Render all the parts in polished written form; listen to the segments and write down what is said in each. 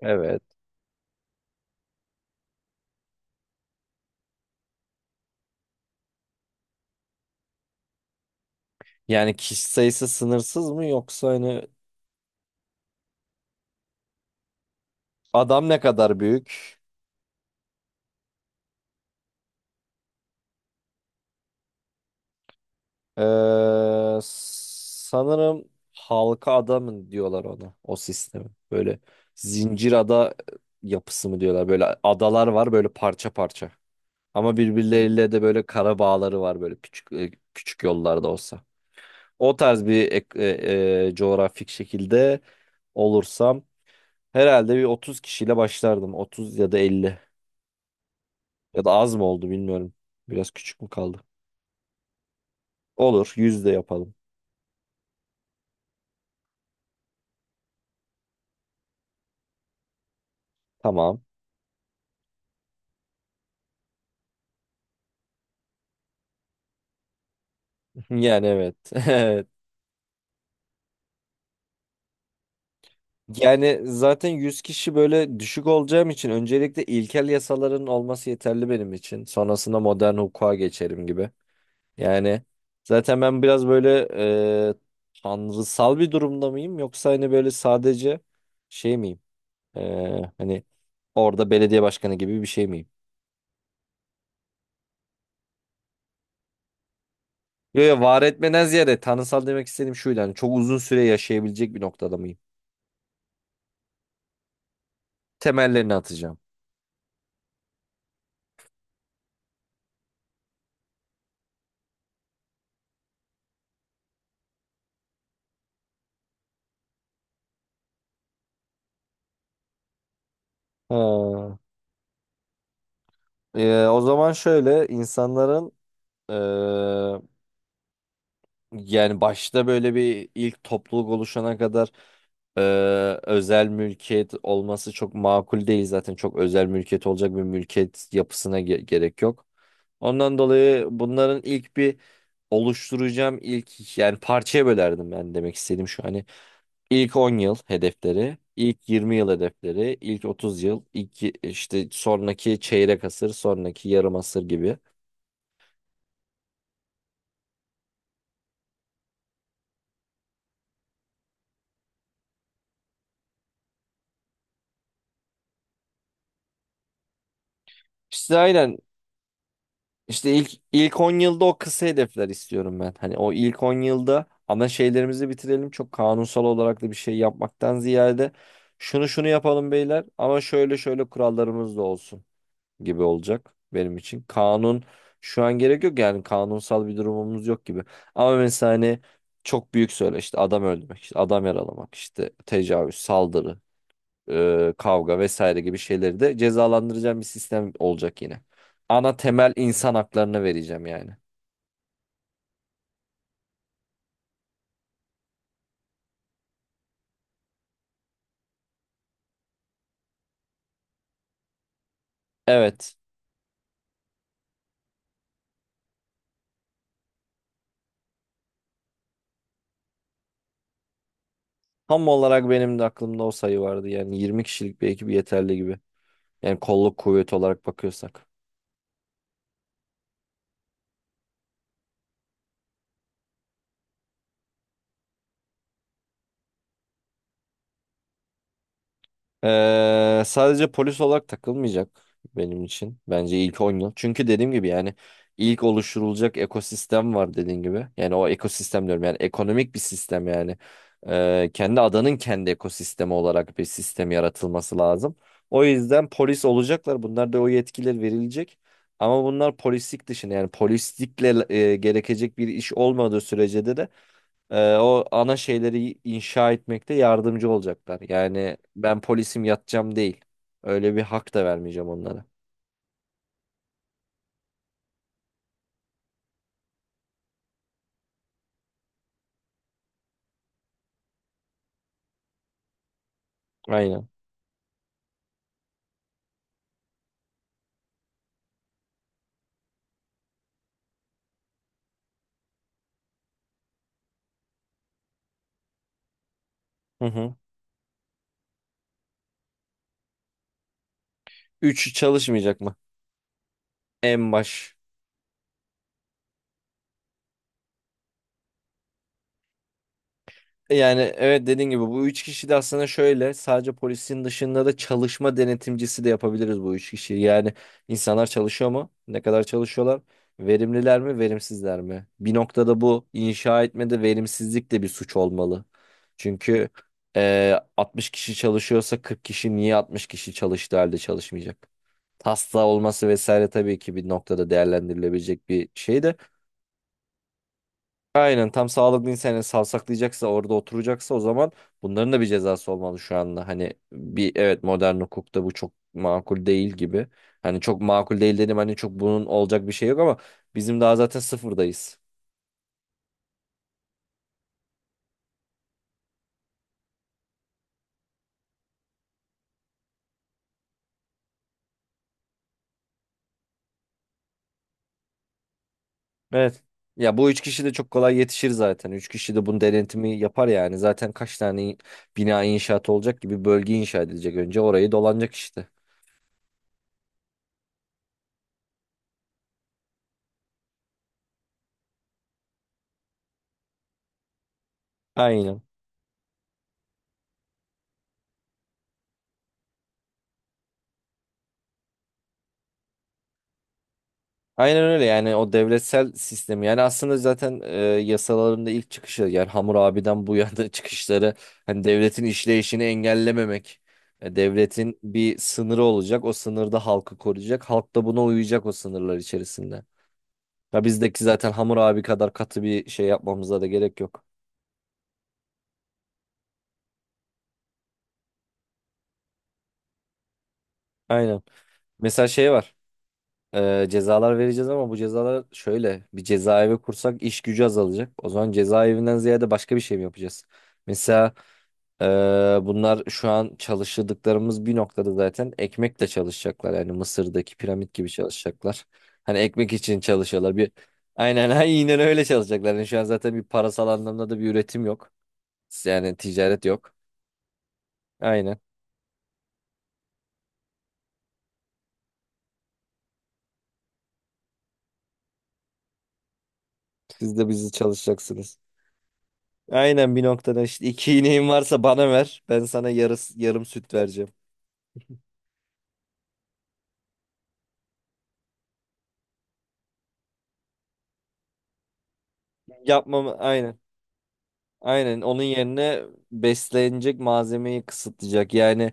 Evet. Yani kişi sayısı sınırsız mı yoksa hani adam ne kadar büyük? Sanırım halka adamın diyorlar ona o sistemi. Böyle zincir ada yapısı mı diyorlar. Böyle adalar var böyle parça parça. Ama birbirleriyle de böyle kara bağları var böyle küçük küçük yollarda olsa. O tarz bir coğrafik şekilde olursam herhalde bir 30 kişiyle başlardım. 30 ya da 50. Ya da az mı oldu bilmiyorum. Biraz küçük mü kaldı? Olur. Yüz de yapalım. Tamam. Yani evet. Evet. Yani zaten 100 kişi böyle düşük olacağım için öncelikle ilkel yasaların olması yeterli benim için. Sonrasında modern hukuka geçerim gibi. Yani zaten ben biraz böyle e, tanrısal bir durumda mıyım yoksa hani böyle sadece şey miyim? E, hani orada belediye başkanı gibi bir şey miyim? Yo yo, var etmeden ziyade tanrısal demek istediğim şuydu. Hani çok uzun süre yaşayabilecek bir noktada mıyım? Temellerini atacağım. Ha. O zaman şöyle insanların ee, yani başta böyle bir ilk topluluk oluşana kadar ee, özel mülkiyet olması çok makul değil zaten. Çok özel mülkiyet olacak bir mülkiyet yapısına gerek yok. Ondan dolayı bunların ilk bir oluşturacağım ilk yani parçaya bölerdim ben, demek istediğim şu. Hani İlk 10 yıl hedefleri, ilk 20 yıl hedefleri, ilk 30 yıl, ilk işte sonraki çeyrek asır, sonraki yarım asır gibi. İşte aynen, işte ilk 10 yılda o kısa hedefler istiyorum ben. Hani o ilk 10 yılda ana şeylerimizi bitirelim. Çok kanunsal olarak da bir şey yapmaktan ziyade şunu şunu yapalım beyler ama şöyle şöyle kurallarımız da olsun gibi olacak benim için. Kanun şu an gerek yok, yani kanunsal bir durumumuz yok gibi. Ama mesela hani çok büyük söyle işte adam öldürmek, işte adam yaralamak, işte tecavüz, saldırı, kavga vesaire gibi şeyleri de cezalandıracağım bir sistem olacak yine. Ana temel insan haklarını vereceğim yani. Evet. Tam olarak benim de aklımda o sayı vardı. Yani 20 kişilik bir ekip yeterli gibi. Yani kolluk kuvveti olarak bakıyorsak. Sadece polis olarak takılmayacak benim için. Bence ilk 10 yıl. Çünkü dediğim gibi yani ilk oluşturulacak ekosistem var dediğin gibi. Yani o ekosistem diyorum, yani ekonomik bir sistem yani. Kendi adanın kendi ekosistemi olarak bir sistem yaratılması lazım. O yüzden polis olacaklar. Bunlar da o yetkiler verilecek. Ama bunlar polislik dışında, yani polislikle gerekecek bir iş olmadığı sürece de o ana şeyleri inşa etmekte yardımcı olacaklar. Yani ben polisim yatacağım değil. Öyle bir hak da vermeyeceğim onlara. Aynen. Hı hı. Üç çalışmayacak mı? En baş. Yani evet, dediğin gibi bu üç kişi de aslında şöyle sadece polisin dışında da çalışma denetimcisi de yapabiliriz bu üç kişiyi. Yani insanlar çalışıyor mu? Ne kadar çalışıyorlar? Verimliler mi? Verimsizler mi? Bir noktada bu inşa etmede verimsizlik de bir suç olmalı. Çünkü 60 kişi çalışıyorsa 40 kişi niye 60 kişi çalıştığı halde çalışmayacak? Hasta olması vesaire tabii ki bir noktada değerlendirilebilecek bir şey de. Aynen, tam sağlıklı insan, yani savsaklayacaksa orada oturacaksa o zaman bunların da bir cezası olmalı şu anda. Hani bir, evet, modern hukukta bu çok makul değil gibi. Hani çok makul değil dedim, hani çok bunun olacak bir şey yok ama bizim daha zaten sıfırdayız. Evet. Ya bu üç kişi de çok kolay yetişir zaten. Üç kişi de bunun denetimi yapar yani. Zaten kaç tane bina inşaat olacak gibi, bölge inşa edilecek önce orayı dolanacak işte. Aynen. Aynen öyle, yani o devletsel sistemi, yani aslında zaten yasalarında ilk çıkışı, yani Hammurabi'den bu yana çıkışları hani devletin işleyişini engellememek, devletin bir sınırı olacak, o sınırda halkı koruyacak, halk da buna uyacak o sınırlar içerisinde. Ya bizdeki zaten Hammurabi kadar katı bir şey yapmamıza da gerek yok. Aynen. Mesela şey var. Cezalar vereceğiz ama bu cezalar şöyle, bir cezaevi kursak iş gücü azalacak. O zaman cezaevinden ziyade başka bir şey mi yapacağız? Mesela bunlar şu an çalıştırdıklarımız bir noktada zaten ekmekle çalışacaklar. Yani Mısır'daki piramit gibi çalışacaklar. Hani ekmek için çalışıyorlar. Aynen aynen öyle çalışacaklar. Yani şu an zaten bir parasal anlamda da bir üretim yok. Yani ticaret yok. Aynen. Siz de bizi çalışacaksınız. Aynen, bir noktada işte iki ineğin varsa bana ver. Ben sana yarım süt vereceğim. Yapmam, aynen. Aynen onun yerine beslenecek malzemeyi kısıtlayacak. Yani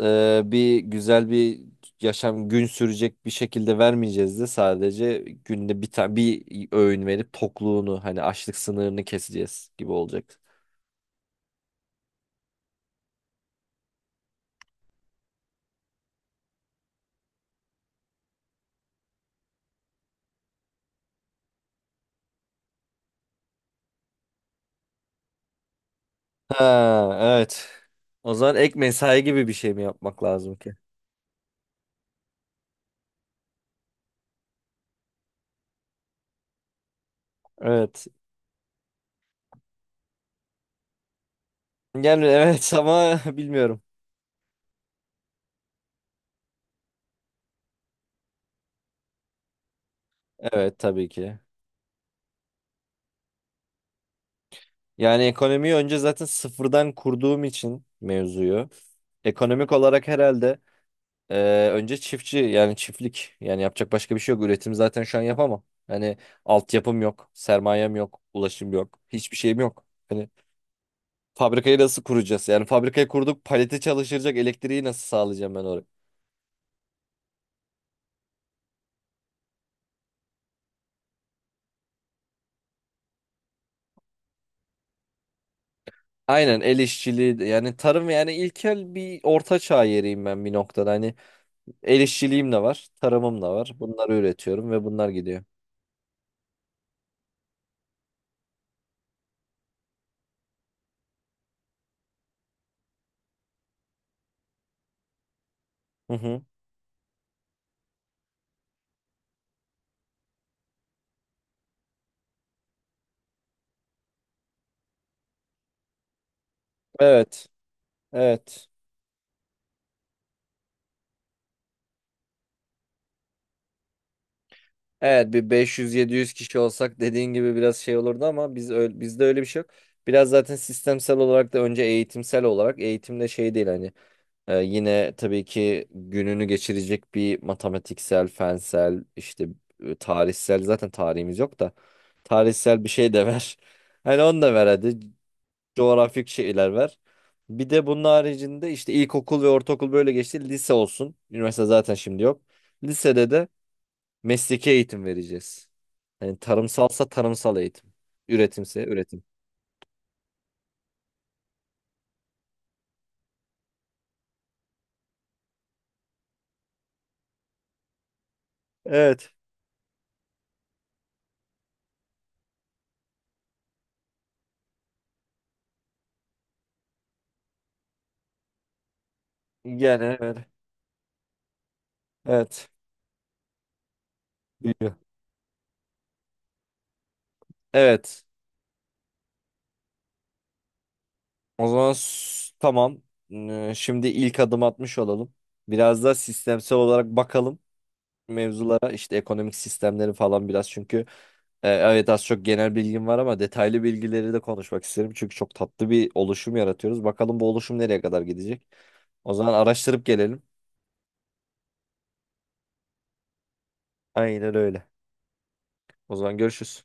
bir güzel bir yaşam gün sürecek bir şekilde vermeyeceğiz de sadece günde bir tane bir öğün verip tokluğunu hani açlık sınırını keseceğiz gibi olacak. Ha, evet. O zaman ek mesai gibi bir şey mi yapmak lazım ki? Evet. Yani evet ama bilmiyorum. Evet, tabii ki. Yani ekonomiyi önce zaten sıfırdan kurduğum için mevzuyu. Ekonomik olarak herhalde e, önce çiftçi, yani çiftlik, yani yapacak başka bir şey yok. Üretim zaten şu an yapamam. Hani altyapım yok, sermayem yok, ulaşım yok, hiçbir şeyim yok. Hani fabrikayı nasıl kuracağız? Yani fabrikayı kurduk, palete çalışacak elektriği nasıl sağlayacağım ben oraya? Aynen, el işçiliği yani tarım, yani ilkel bir orta çağ yeriyim ben bir noktada. Hani el işçiliğim de var, tarımım da var. Bunları üretiyorum ve bunlar gidiyor. Hı hı. Evet. Evet. Evet bir 500-700 kişi olsak dediğin gibi biraz şey olurdu ama biz öyle, bizde öyle bir şey yok. Biraz zaten sistemsel olarak da önce eğitimsel olarak eğitimde şey değil, hani yine tabii ki gününü geçirecek bir matematiksel, fensel, işte tarihsel, zaten tarihimiz yok da tarihsel bir şey de ver. Hani onu da ver hadi, coğrafik şeyler ver. Bir de bunun haricinde işte ilkokul ve ortaokul böyle geçti. Lise olsun. Üniversite zaten şimdi yok. Lisede de mesleki eğitim vereceğiz. Yani tarımsalsa tarımsal eğitim. Üretimse üretim. Evet. Yani evet. Evet. Büyüyor. Evet. O zaman tamam. Şimdi ilk adım atmış olalım. Biraz da sistemsel olarak bakalım mevzulara. İşte ekonomik sistemleri falan biraz, çünkü evet az çok genel bilgim var ama detaylı bilgileri de konuşmak isterim. Çünkü çok tatlı bir oluşum yaratıyoruz. Bakalım bu oluşum nereye kadar gidecek. O zaman araştırıp gelelim. Aynen öyle. O zaman görüşürüz.